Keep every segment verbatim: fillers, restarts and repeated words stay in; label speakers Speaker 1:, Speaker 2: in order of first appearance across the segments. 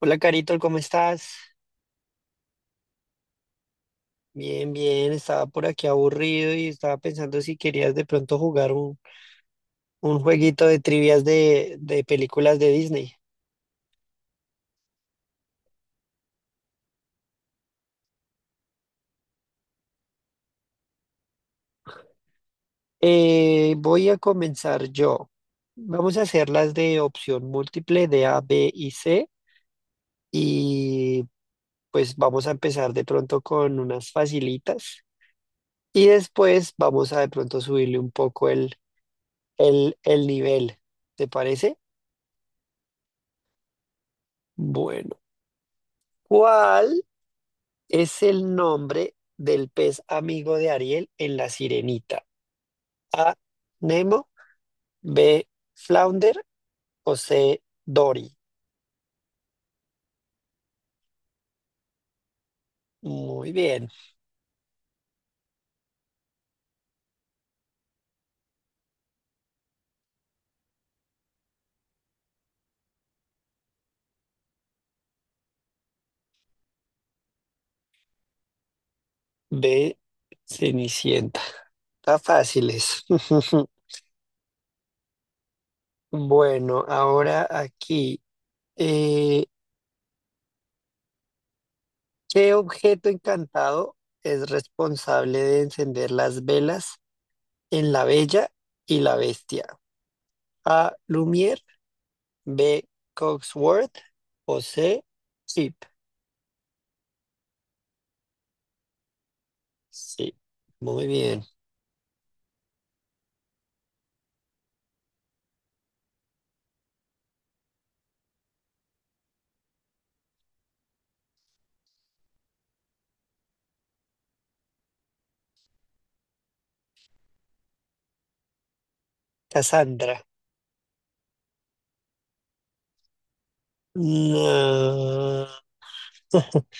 Speaker 1: Hola Carito, ¿cómo estás? Bien, bien, estaba por aquí aburrido y estaba pensando si querías de pronto jugar un, un jueguito de trivias de, de películas de Disney. Eh, voy a comenzar yo. Vamos a hacerlas de opción múltiple de A, B y C y pues vamos a empezar de pronto con unas facilitas y después vamos a de pronto subirle un poco el, el, el nivel. ¿Te parece? Bueno, ¿cuál? Es el nombre del pez amigo de Ariel en La Sirenita. A, Nemo, B, Flounder o C, Dory. Muy bien. B, Cenicienta. Está fáciles. Bueno, ahora aquí, eh, ¿qué objeto encantado es responsable de encender las velas en La Bella y la Bestia? A, Lumière, B, Cogsworth o C, Chip. Sí, muy bien. Cassandra. No.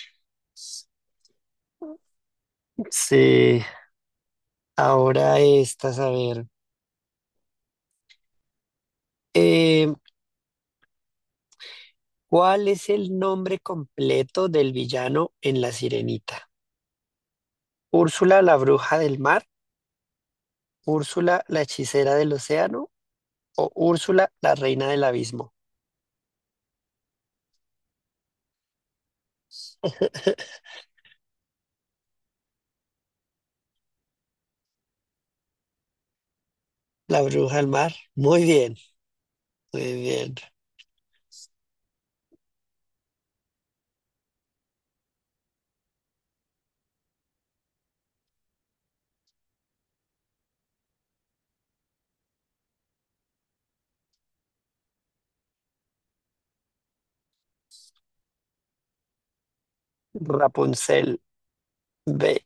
Speaker 1: Sí, ahora estas, a ver. Eh, ¿cuál es el nombre completo del villano en La Sirenita? ¿Úrsula la bruja del mar? ¿Úrsula la hechicera del océano? ¿O Úrsula la reina del abismo? La bruja del mar. Muy bien, muy bien. Rapunzel. B.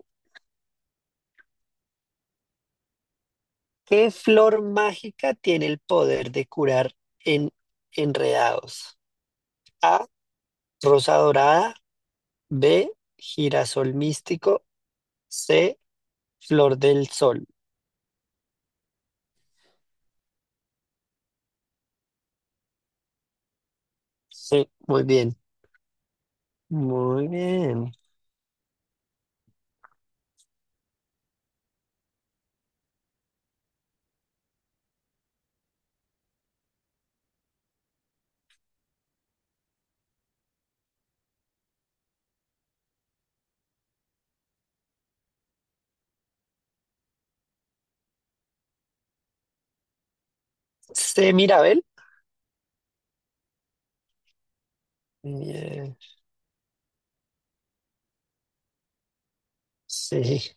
Speaker 1: ¿Qué flor mágica tiene el poder de curar en enredados? A, rosa dorada. B, girasol místico. C, flor del sol. Sí, muy bien. Muy bien. C, Mirabel. Bien, sí.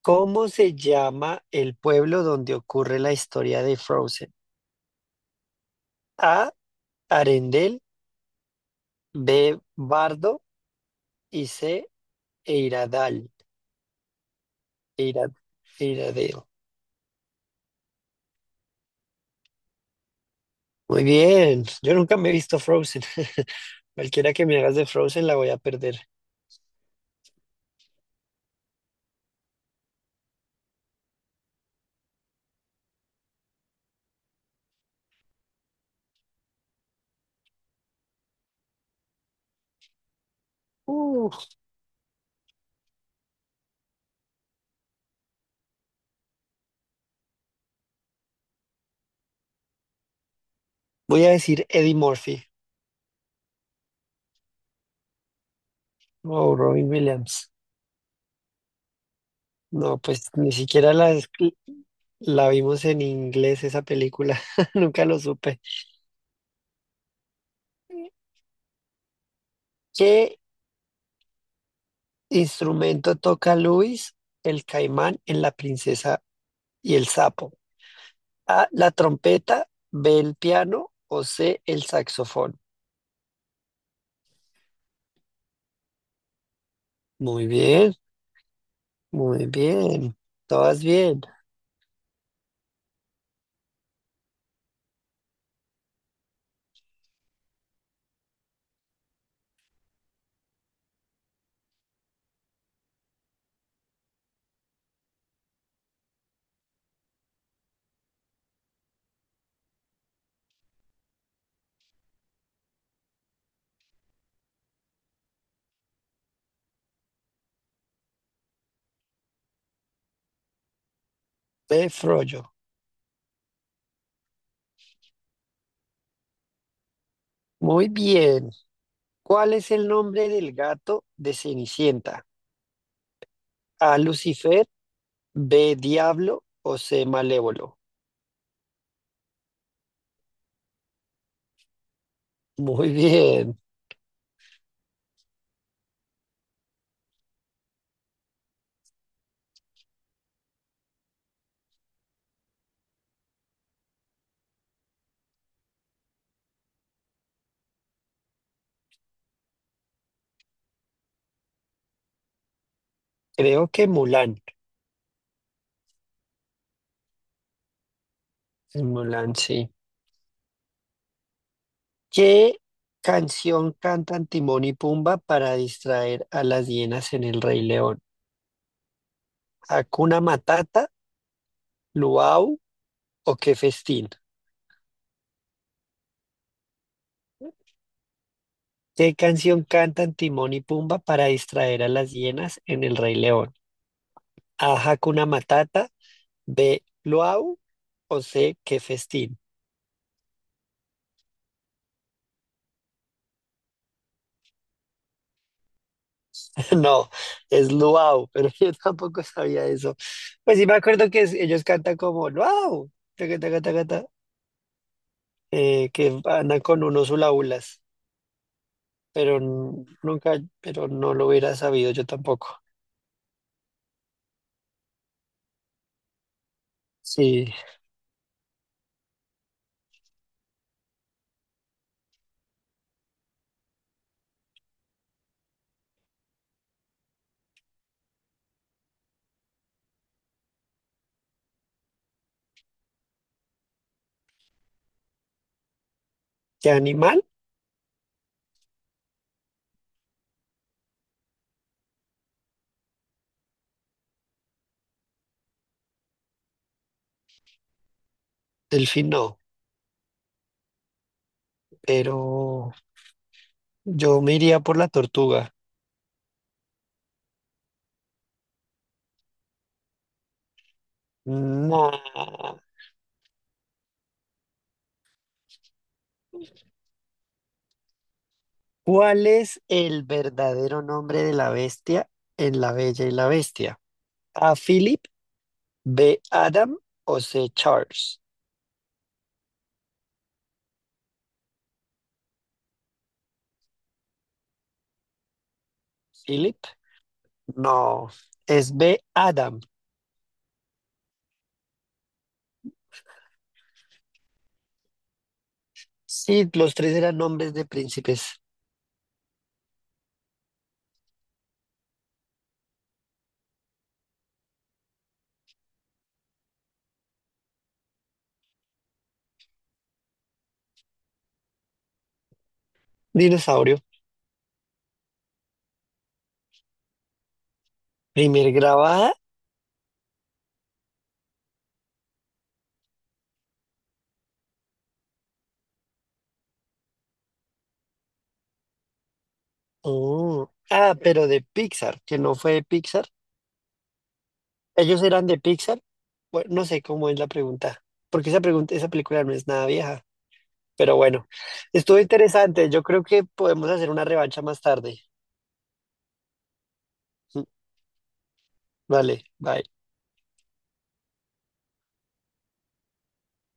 Speaker 1: ¿Cómo se llama el pueblo donde ocurre la historia de Frozen? A, Arendel. B, Bardo. Y C, Eiradal. Eira- Eiradeo. Muy bien. Yo nunca me he visto Frozen. Cualquiera que me hagas de Frozen la voy a perder. Uh, Voy a decir Eddie Murphy o Robin Williams. No, pues ni siquiera la, es- la vimos en inglés esa película. Nunca lo supe. ¿Qué instrumento toca Luis, el caimán en La princesa y el sapo? A, la trompeta, B, el piano o C, el saxofón. Muy bien, muy bien. Todas bien. B, Frollo. Muy bien. ¿Cuál es el nombre del gato de Cenicienta? A, Lucifer. B, Diablo o C, Malévolo. Muy bien. Creo que Mulan. Mulan, sí. ¿Qué canción cantan Timón y Pumba para distraer a las hienas en El Rey León? ¿Hakuna Matata, Luau o Qué Festín? ¿Qué canción cantan Timón y Pumba para distraer a las hienas en El Rey León? A, Hakuna Matata, B, Luau o C, Qué Festín. No, es luau, pero yo tampoco sabía eso. Pues sí me acuerdo que es- ellos cantan como luau, taca, taca, taca, ta, eh, que andan con unos hulahulas, pero n- nunca, pero no lo hubiera sabido yo tampoco. Sí, de animal, delfín no, pero yo me iría por la tortuga. Nah. ¿Cuál es el verdadero nombre de la bestia en La Bella y la Bestia? ¿A Philip, B. Adam o C. Charles? Philip, no, es B. Adam. Sí, los tres eran nombres de príncipes. Dinosaurio. Primer grabada. Oh, ah, pero de Pixar, que no fue de Pixar. Ellos eran de Pixar. Bueno, no sé cómo es la pregunta, porque esa pregunta, esa película no es nada vieja. Pero bueno, estuvo interesante. Yo creo que podemos hacer una revancha más tarde. Vale, bye.